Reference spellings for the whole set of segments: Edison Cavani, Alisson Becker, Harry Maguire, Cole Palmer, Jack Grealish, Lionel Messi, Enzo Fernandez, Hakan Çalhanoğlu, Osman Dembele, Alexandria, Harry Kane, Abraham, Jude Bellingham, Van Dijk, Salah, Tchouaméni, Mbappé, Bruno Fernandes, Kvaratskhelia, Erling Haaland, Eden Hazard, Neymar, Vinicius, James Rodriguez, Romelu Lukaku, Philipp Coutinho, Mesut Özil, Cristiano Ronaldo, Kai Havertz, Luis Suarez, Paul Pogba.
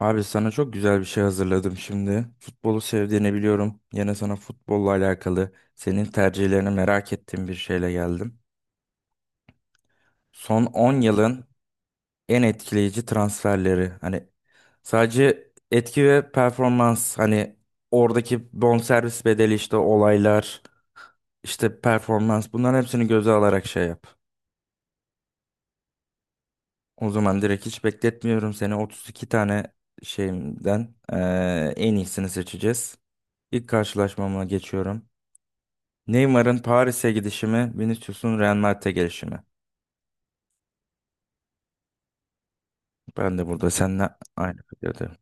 Abi sana çok güzel bir şey hazırladım şimdi. Futbolu sevdiğini biliyorum. Yine sana futbolla alakalı senin tercihlerini merak ettiğim bir şeyle geldim. Son 10 yılın en etkileyici transferleri. Hani sadece etki ve performans hani oradaki bonservis bedeli işte olaylar işte performans bunların hepsini göze alarak şey yap. O zaman direkt hiç bekletmiyorum seni 32 tane şeyimden en iyisini seçeceğiz. İlk karşılaşmama geçiyorum. Neymar'ın Paris'e gidişi mi, Vinicius'un Real Madrid'e gelişi mi? Ben de burada seninle aynı fikirdeyim.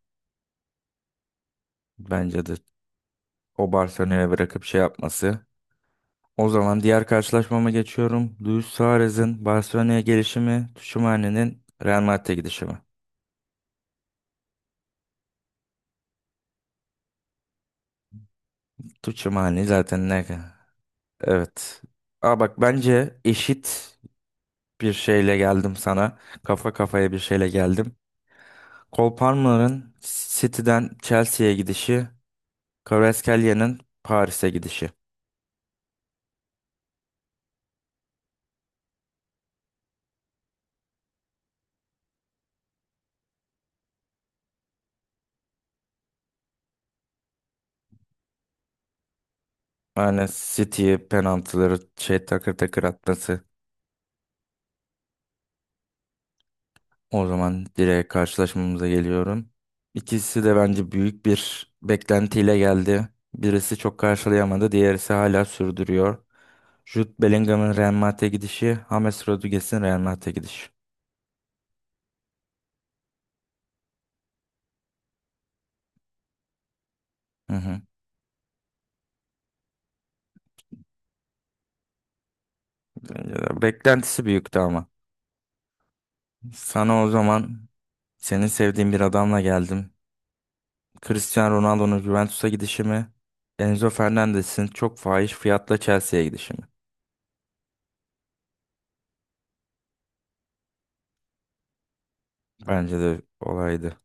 Bence de o Barcelona'ya bırakıp şey yapması. O zaman diğer karşılaşmama geçiyorum. Luis Suarez'in Barcelona'ya gelişi mi, Tchouaméni'nin Real Madrid'e gidişi mi? Tchouaméni zaten ne? Evet. Aa bak bence eşit bir şeyle geldim sana. Kafa kafaya bir şeyle geldim. Cole Palmer'ın City'den Chelsea'ye gidişi, Kvaratskhelia Paris'e gidişi. Yani City'ye penaltıları şey takır takır atması. O zaman direkt karşılaşmamıza geliyorum. İkisi de bence büyük bir beklentiyle geldi. Birisi çok karşılayamadı, diğerisi hala sürdürüyor. Jude Bellingham'ın Real Madrid'e gidişi, James Rodriguez'in Real Madrid'e gidişi. Hı hı. Beklentisi büyüktü ama. Sana o zaman senin sevdiğin bir adamla geldim. Cristiano Ronaldo'nun Juventus'a gidişi mi? Enzo Fernandez'in çok fahiş fiyatla Chelsea'ye gidişi mi? Bence de olaydı.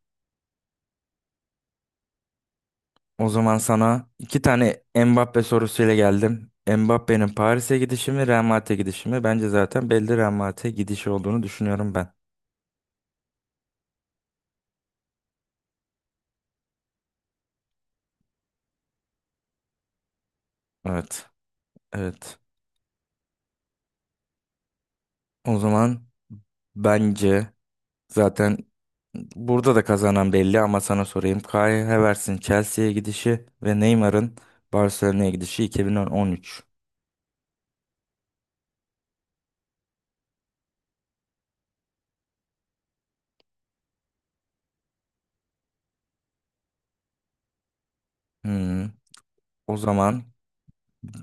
O zaman sana iki tane Mbappe sorusuyla geldim. Mbappe'nin Paris'e gidişi mi, Real Madrid'e gidişi mi? Bence zaten belli Real Madrid'e gidişi olduğunu düşünüyorum ben. Evet, evet. O zaman bence zaten burada da kazanan belli ama sana sorayım. Kai Havertz'in Chelsea'ye gidişi ve Neymar'ın Barcelona'ya gidişi 2013. Hmm. O zaman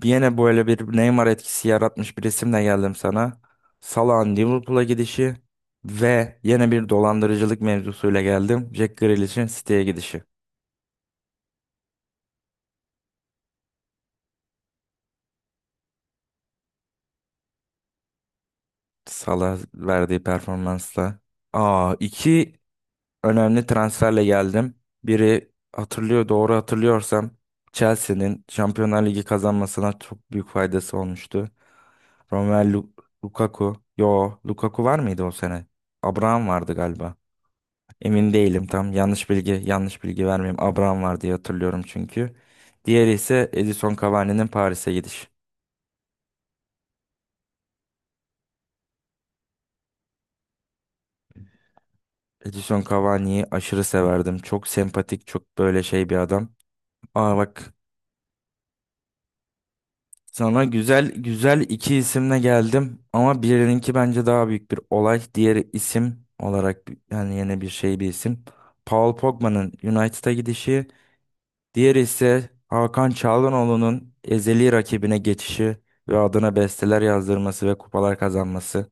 yine böyle bir Neymar etkisi yaratmış bir resimle geldim sana. Salah'ın Liverpool'a gidişi ve yine bir dolandırıcılık mevzusuyla geldim. Jack Grealish'in City'ye gidişi. Salah verdiği performansla. Aa, iki önemli transferle geldim. Biri hatırlıyor doğru hatırlıyorsam Chelsea'nin Şampiyonlar Ligi kazanmasına çok büyük faydası olmuştu. Romelu Lukaku. Yo, Lukaku var mıydı o sene? Abraham vardı galiba. Emin değilim tam. Yanlış bilgi vermeyeyim. Abraham var diye hatırlıyorum çünkü. Diğeri ise Edison Cavani'nin Paris'e gidiş. Edison Cavani'yi aşırı severdim. Çok sempatik, çok böyle şey bir adam. Aa bak sana güzel güzel iki isimle geldim ama birininki bence daha büyük bir olay. Diğeri isim olarak yani yine bir şey bir isim. Paul Pogba'nın United'a gidişi. Diğeri ise Hakan Çalhanoğlu'nun ezeli rakibine geçişi ve adına besteler yazdırması ve kupalar kazanması.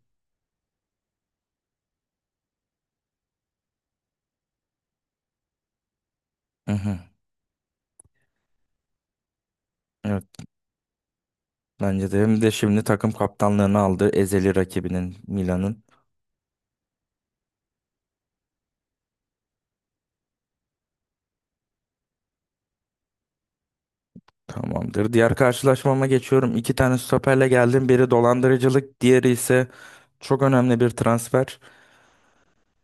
Hı hı. Evet, bence de hem de şimdi takım kaptanlığını aldı ezeli rakibinin Milan'ın. Tamamdır. Diğer karşılaşmama geçiyorum. İki tane stoperle geldim. Biri dolandırıcılık, diğeri ise çok önemli bir transfer.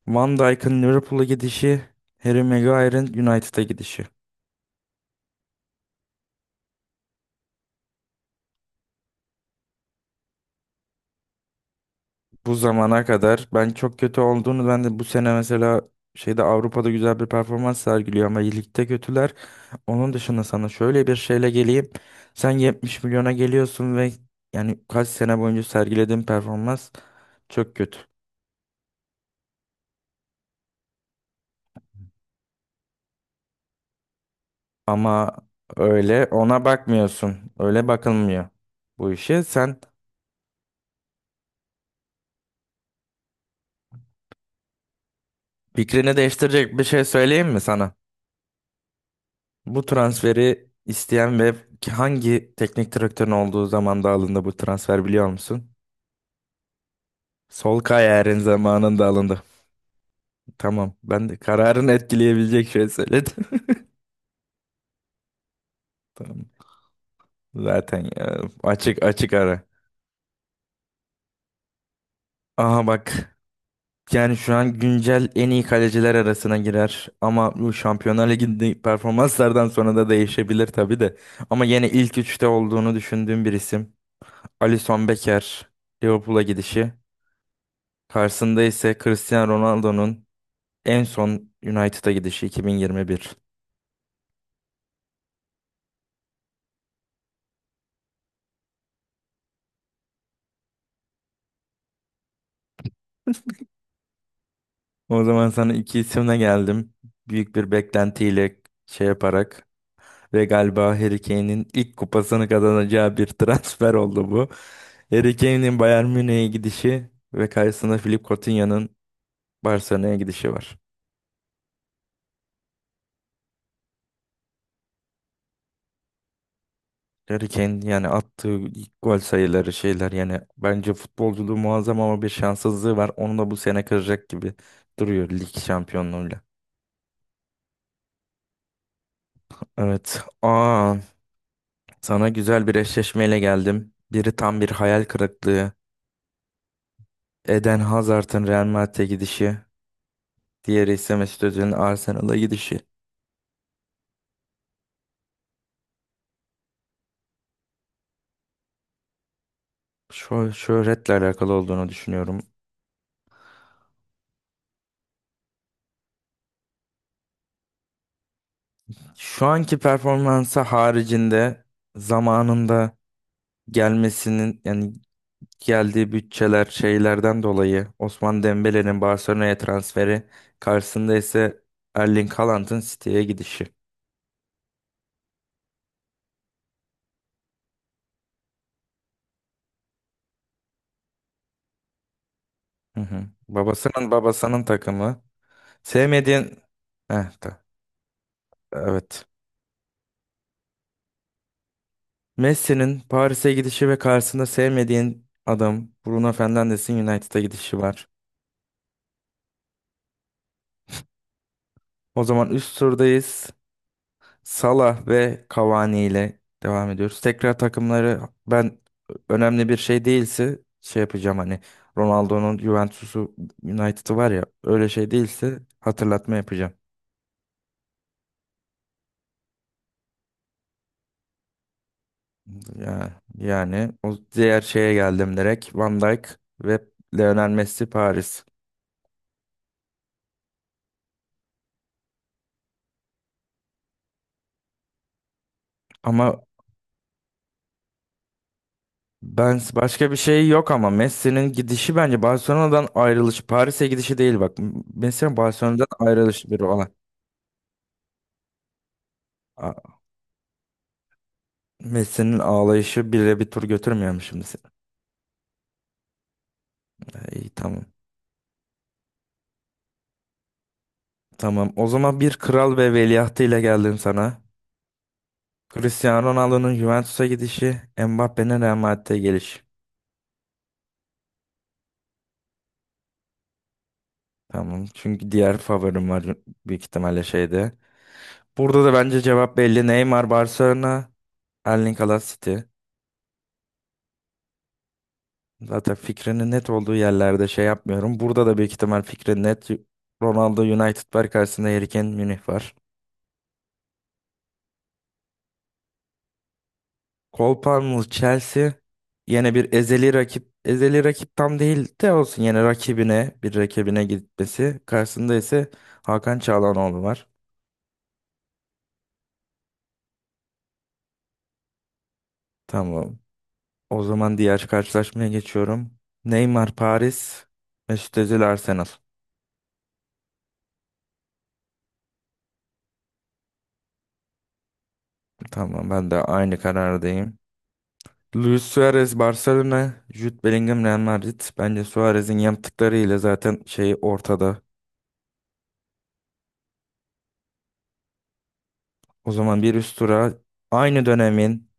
Van Dijk'ın Liverpool'a gidişi, Harry Maguire'ın United'a gidişi. Bu zamana kadar ben çok kötü olduğunu ben de bu sene mesela şeyde Avrupa'da güzel bir performans sergiliyor ama ligde kötüler. Onun dışında sana şöyle bir şeyle geleyim. Sen 70 milyona geliyorsun ve yani kaç sene boyunca sergilediğin performans çok kötü. Ama öyle ona bakmıyorsun. Öyle bakılmıyor bu işe. Sen fikrini değiştirecek bir şey söyleyeyim mi sana? Bu transferi isteyen ve hangi teknik direktörün olduğu zamanda alındı bu transfer biliyor musun? Sol kararın zamanında alındı. Tamam. Ben de kararını etkileyebilecek şey söyledim. Tamam. Zaten ya, açık açık ara. Aha bak. Yani şu an güncel en iyi kaleciler arasına girer. Ama bu Şampiyonlar Ligi'ndeki performanslardan sonra da değişebilir tabii de. Ama yine ilk üçte olduğunu düşündüğüm bir isim. Alisson Becker. Liverpool'a gidişi. Karşısında ise Cristiano Ronaldo'nun en son United'a gidişi 2021. O zaman sana iki isimle geldim. Büyük bir beklentiyle şey yaparak ve galiba Harry Kane'in ilk kupasını kazanacağı bir transfer oldu bu. Harry Kane'in Bayern Münih'e gidişi ve karşısında Philipp Coutinho'nun Barcelona'ya gidişi var. Harry Kane yani attığı ilk gol sayıları şeyler yani bence futbolculuğu muazzam ama bir şanssızlığı var. Onu da bu sene kıracak gibi duruyor lig şampiyonluğuyla. Evet. Aa, sana güzel bir eşleşmeyle geldim. Biri tam bir hayal kırıklığı. Eden Hazard'ın Real Madrid'e gidişi, diğeri ise Mesut Özil'in Arsenal'a gidişi. Şu şöhretle alakalı olduğunu düşünüyorum. Şu anki performansı haricinde zamanında gelmesinin yani geldiği bütçeler şeylerden dolayı Osman Dembele'nin Barcelona'ya transferi karşısında ise Erling Haaland'ın City'ye gidişi. Hı hı. Babasının takımı. Sevmediğin... Heh, evet. Messi'nin Paris'e gidişi ve karşısında sevmediğin adam Bruno Fernandes'in United'a gidişi var. O zaman üst turdayız. Salah ve Cavani ile devam ediyoruz. Tekrar takımları ben önemli bir şey değilse şey yapacağım hani Ronaldo'nun Juventus'u United'ı var ya öyle şey değilse hatırlatma yapacağım. Ya, yani o diğer şeye geldim direkt Van Dijk ve Lionel Messi Paris. Ama ben başka bir şey yok ama Messi'nin gidişi bence Barcelona'dan ayrılış, Paris'e gidişi değil bak. Messi'nin Barcelona'dan ayrılışı bir olay. A- Messi'nin ağlayışı bile bir tur götürmüyor şimdi seni? E, İyi tamam. Tamam. O zaman bir kral ve veliahtı ile geldim sana. Cristiano Ronaldo'nun Juventus'a gidişi, Mbappé'nin Real Madrid'e gelişi. Tamam. Çünkü diğer favorim var büyük ihtimalle şeyde. Burada da bence cevap belli. Neymar Barcelona, Erling Haaland City. Zaten fikrinin net olduğu yerlerde şey yapmıyorum. Burada da büyük ihtimal fikrin net. Ronaldo United var karşısında Harry Kane Münih var. Cole Palmer Chelsea yine bir ezeli rakip. Ezeli rakip tam değil de olsun yine rakibine bir rakibine gitmesi. Karşısında ise Hakan Çalhanoğlu var. Tamam. O zaman diğer karşılaşmaya geçiyorum. Neymar Paris, Mesut Özil Arsenal. Tamam ben de aynı karardayım. Luis Suarez Barcelona, Jude Bellingham Real Madrid. Bence Suarez'in yaptıklarıyla zaten şey ortada. O zaman bir üst tura aynı dönemin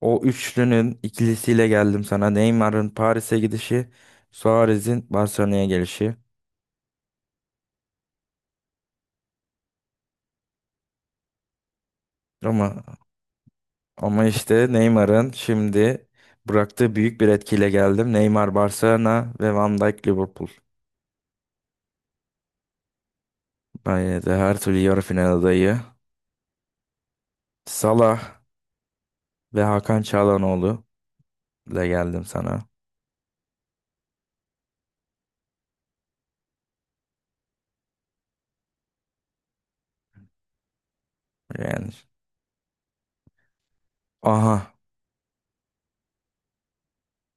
o üçlünün ikilisiyle geldim sana. Neymar'ın Paris'e gidişi, Suarez'in Barcelona'ya gelişi. Ama ama işte Neymar'ın şimdi bıraktığı büyük bir etkiyle geldim. Neymar Barcelona ve Van Dijk Liverpool. Bence de her türlü yarı final adayı. Salah ve Hakan Çalhanoğlu ile geldim sana. Yani. Aha.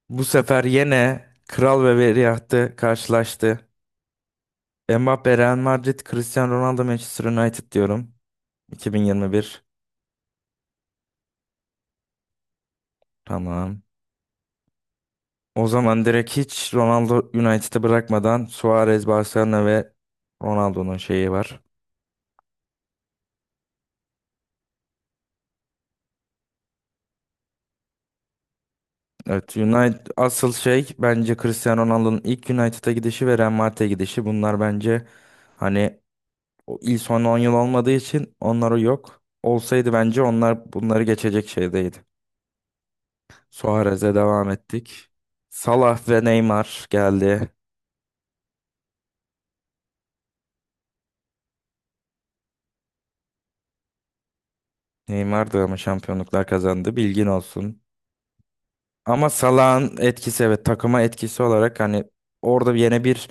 Bu sefer yine Kral ve Veliahtı karşılaştı. Mbappe Real Madrid, Cristiano Ronaldo Manchester United diyorum. 2021. Tamam. O zaman direkt hiç Ronaldo United'ı bırakmadan Suarez, Barcelona ve Ronaldo'nun şeyi var. Evet, United asıl şey bence Cristiano Ronaldo'nun ilk United'a gidişi ve Real Madrid'e gidişi. Bunlar bence hani o ilk son 10 yıl olmadığı için onları yok. Olsaydı bence onlar bunları geçecek şeydeydi. Suarez'e devam ettik. Salah ve Neymar geldi. Neymar da ama şampiyonluklar kazandı. Bilgin olsun. Ama Salah'ın etkisi evet takıma etkisi olarak hani orada yine bir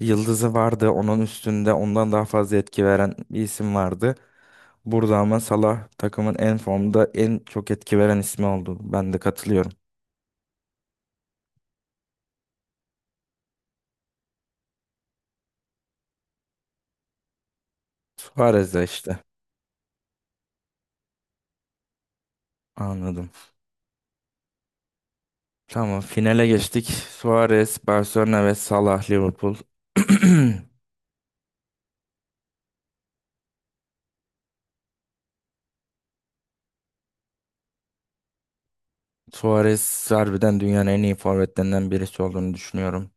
yıldızı vardı. Onun üstünde ondan daha fazla etki veren bir isim vardı. Burada ama Salah takımın en formda en çok etki veren ismi oldu. Ben de katılıyorum. Suarez de işte. Anladım. Tamam finale geçtik. Suarez, Barcelona ve Salah, Liverpool. Suarez harbiden dünyanın en iyi forvetlerinden birisi olduğunu düşünüyorum.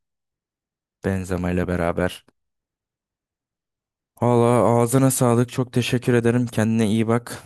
Benzema ile beraber. Valla ağzına sağlık. Çok teşekkür ederim. Kendine iyi bak.